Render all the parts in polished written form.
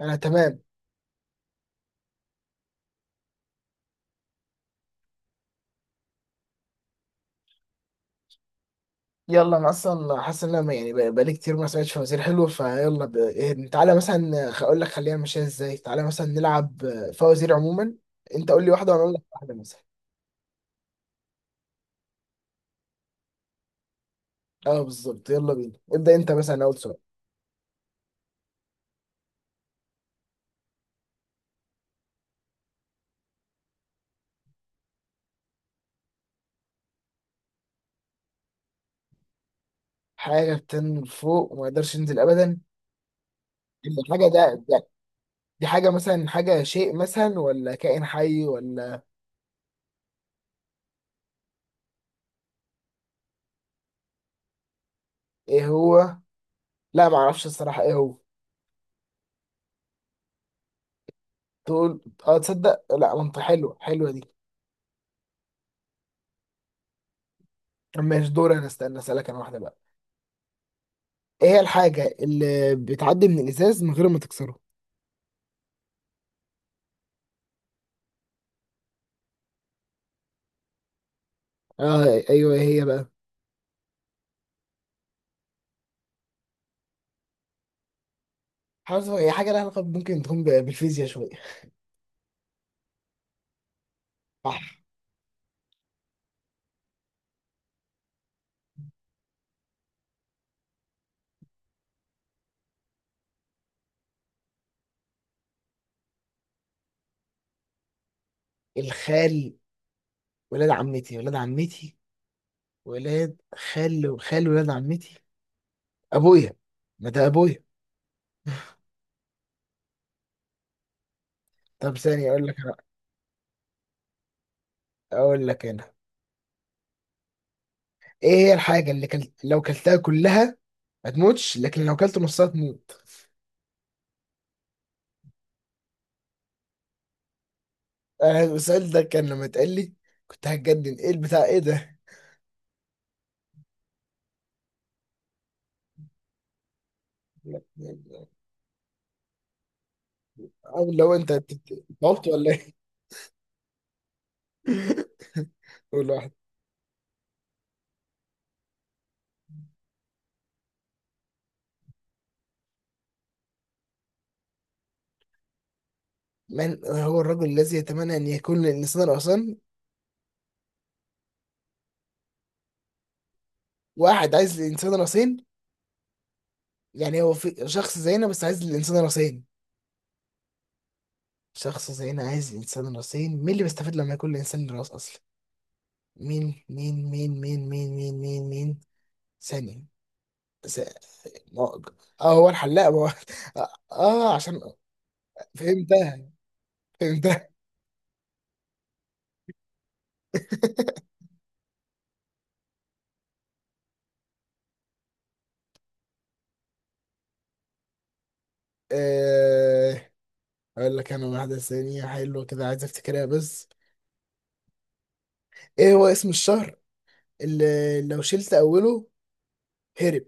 انا تمام. يلا انا اصلا حاسس ان انا بقالي كتير ما سمعتش فوازير حلو فيلا ب... إيه، تعالى مثلا اقول لك خلينا نمشيها ازاي، تعالى مثلا نلعب فوازير عموما. انت قول لي واحده وانا اقول لك واحده مثلا. اه بالظبط، يلا بينا ابدا، انت مثلا اول سؤال. حاجه بتنزل فوق وما يقدرش ينزل ابدا. الحاجه ده دي حاجه مثلا، حاجه، شيء مثلا ولا كائن حي ولا ايه هو؟ لا ما اعرفش الصراحه ايه هو. تقول؟ اه تصدق، لا منطق، حلوه حلوه دي. طب ماشي دور، انا استنى اسالك انا واحده بقى. ايه هي الحاجة اللي بتعدي من الإزاز من غير ما تكسره؟ آه أيوه إيه هي بقى؟ حاسس هي حاجة لها علاقة ممكن تكون بالفيزياء شوية. صح. الخال، ولاد عمتي، ولاد عمتي، ولاد خال، ولاد عمتي أبويا. ما ده أبويا. طب ثانية أقول لك أنا، أقول لك أنا. إيه هي الحاجة اللي لو كلتها كلها ما تموتش، لكن لو كلت نصها تموت. أنا السؤال ده كان لما اتقال لي كنت هتجنن، إيه البتاع إيه ده؟ أو لو أنت تعبت ولا إيه؟ قول واحد. من هو الرجل الذي يتمنى أن يكون للإنسان رأسان؟ واحد عايز للإنسان رأسين، يعني هو في شخص زينا بس عايز للإنسان رأسين، شخص زينا عايز للإنسان رأسين. مين اللي بيستفيد لما يكون للإنسان له رأس أصلا؟ مين. ثانية. س- ما هو- اه هو الحلاق، ما هو. اه عشان فهمتها، فهمتها. آه، اقول لك انا واحدة ثانية حلوة كده، عايز افتكرها بس. ايه هو اسم الشهر اللي لو شلت اوله هرب؟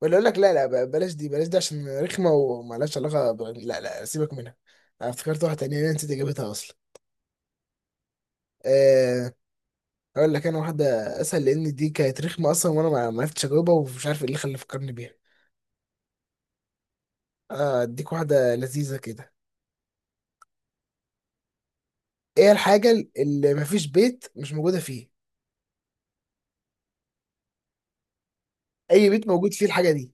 ولا اقول لك، لا لا، بلاش دي، بلاش دي عشان رخمه ومالهاش علاقه لا لا، سيبك منها. انا افتكرت واحده تانية انا نسيت اجابتها اصلا. أه... اقول لك انا واحده اسهل، لان دي كانت رخمه اصلا وانا ما عرفتش اجاوبها، ومش عارف ايه اللي خلى فكرني بيها. آه، اديك واحده لذيذه كده. ايه الحاجه اللي ما فيش بيت مش موجوده فيه، اي بيت موجود فيه الحاجه دي؟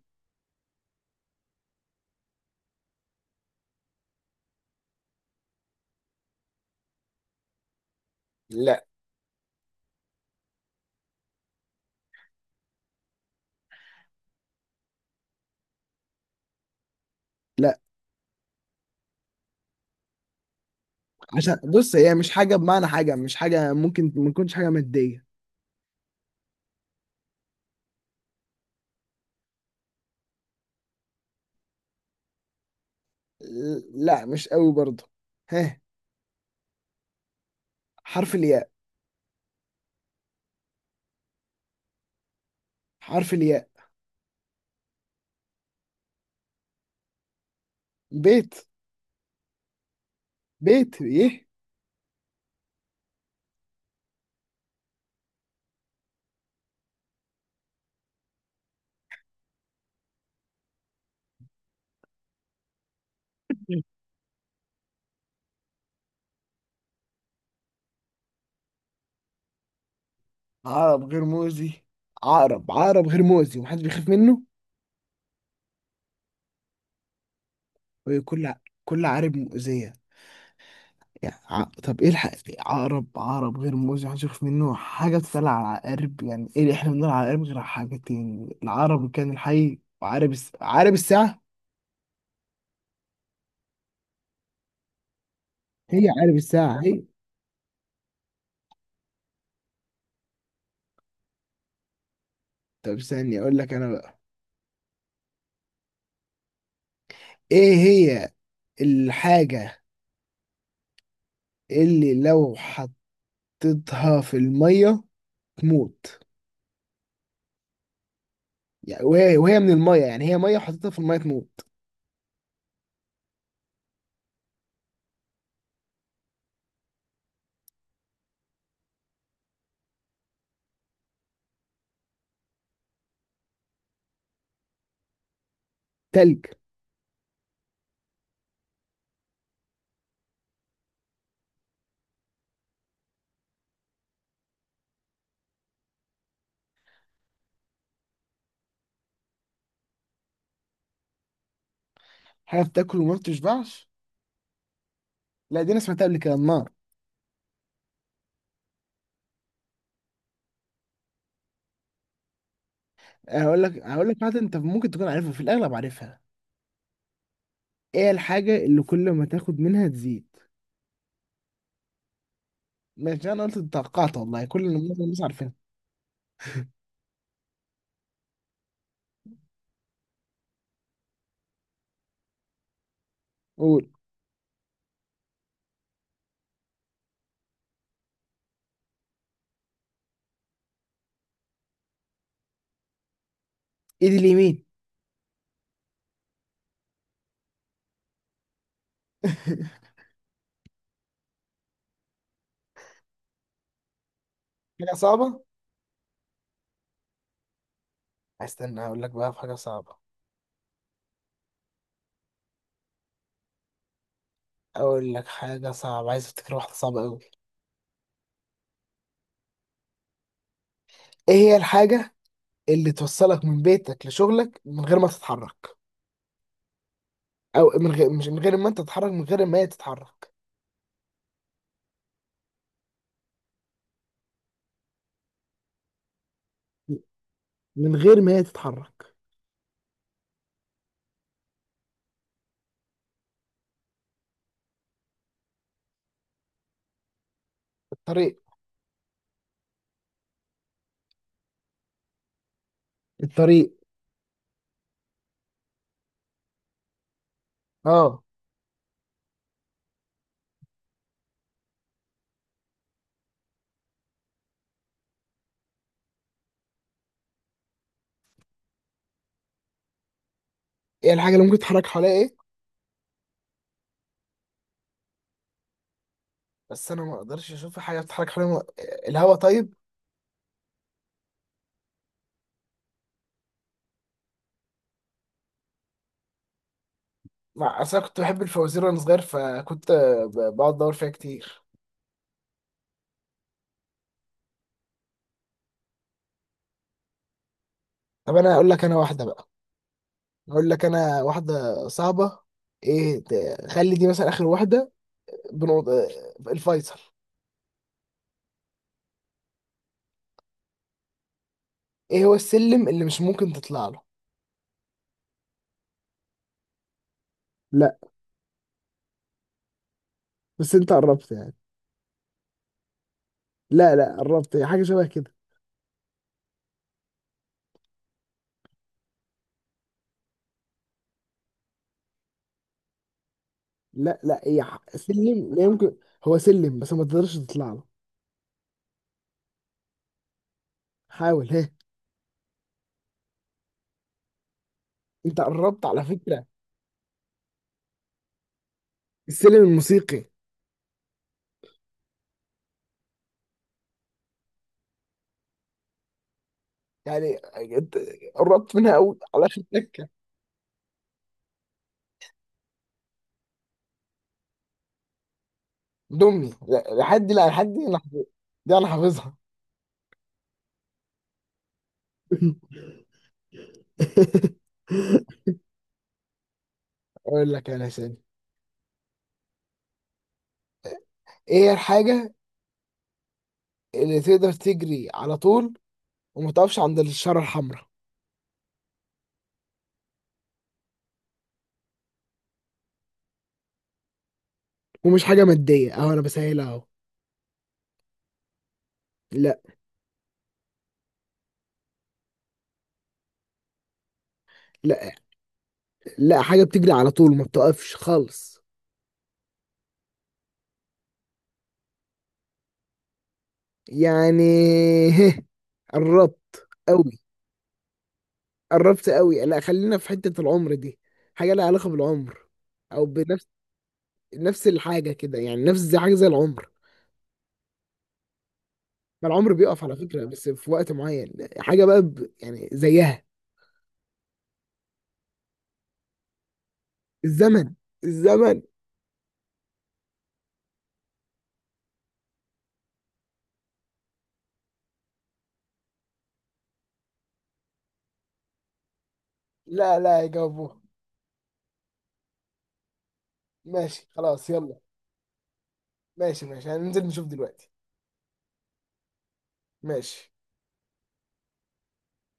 لا. لا عشان بص، هي مش حاجة بمعنى حاجة، مش حاجة ممكن ما تكونش حاجة مادية. لا مش قوي برضه. ها. حرف الياء. حرف الياء. بيت. بيت ايه. عقرب غير مؤذي، عقرب، عقرب غير مؤذي ومحدش بيخاف منه. وكل ع- كل عقرب مؤذية، يعني طب ايه الحق، عقرب، عقرب غير مؤذي محدش بيخاف منه، حاجة بتتقال على العقارب، يعني ايه اللي احنا بنقول على العقارب غير على حاجتين، العقرب كان الحي، عقرب الساعة. هي عقرب الساعة هي. طب استني اقول لك انا بقى. ايه هي الحاجة اللي لو حطيتها في المية تموت؟ يعني وهي من الميه، يعني هي ميه، حطيتها في الميه تموت. تلج. حاجه بتاكل وما بتشبعش. لا دي انا سمعتها قبل كده، النار. هقول لك، هقول لك حاجه انت ممكن تكون عارفها، في الاغلب عارفها. ايه الحاجه اللي كل ما تاخد منها تزيد؟ ماشي، انا قلت توقعت والله كل اللي معظم الناس عارفينها. قول. ايد اليمين. حاجه صعبه. استنى اقول لك بقى في حاجه صعبه، اقول لك حاجه صعبه، عايز افتكر واحده صعبه قوي. ايه هي الحاجه اللي توصلك من بيتك لشغلك من غير ما تتحرك، او من غير، مش من غير ما انت تتحرك، من غير ما هي تتحرك. من غير ما هي تتحرك. الطريق. الطريق. اه. ايه الحاجه اللي ممكن تتحرك حواليها ايه؟ بس انا ما اقدرش اشوف حاجه بتتحرك حواليها. الهواء طيب. مع اصل انا كنت بحب الفوازير وانا صغير، فكنت بقعد ادور فيها كتير. طب انا اقول لك انا واحده بقى. اقول لك انا واحده صعبه. ايه خلي دي مثلا اخر واحده. بنقط... الفيصل. ايه هو السلم اللي مش ممكن تطلع له؟ لا. بس انت قربت يعني. لا لا، قربت، هي حاجة شبه كده. لا لا، سلم لا يمكن، هو سلم بس ما تقدرش تطلع له. حاول. ها. انت قربت على فكرة. السلم الموسيقي. يعني انت قربت منها قوي، على اخر تكة. دمي لا، لحد دي، لا لحد دي انا دي انا حافظها. اقول لك انا ثاني. ايه هي الحاجة اللي تقدر تجري على طول وما تقفش عند الشارة الحمراء؟ ومش حاجة مادية اهو، انا بسهلها اهو. لا. لا. لا حاجة بتجري على طول وما بتقفش خالص. يعني. هه. قربت قوي، قربت قوي. لا خلينا في حتة العمر دي، حاجة لها علاقة بالعمر او بنفس. نفس الحاجة كده، يعني نفس زي حاجة زي العمر. ما العمر بيقف على فكرة بس في وقت معين، حاجة بقى يعني زيها. الزمن. الزمن. لا لا يجاوبوها. ماشي خلاص، يلا. ماشي ماشي، هننزل نشوف دلوقتي. ماشي.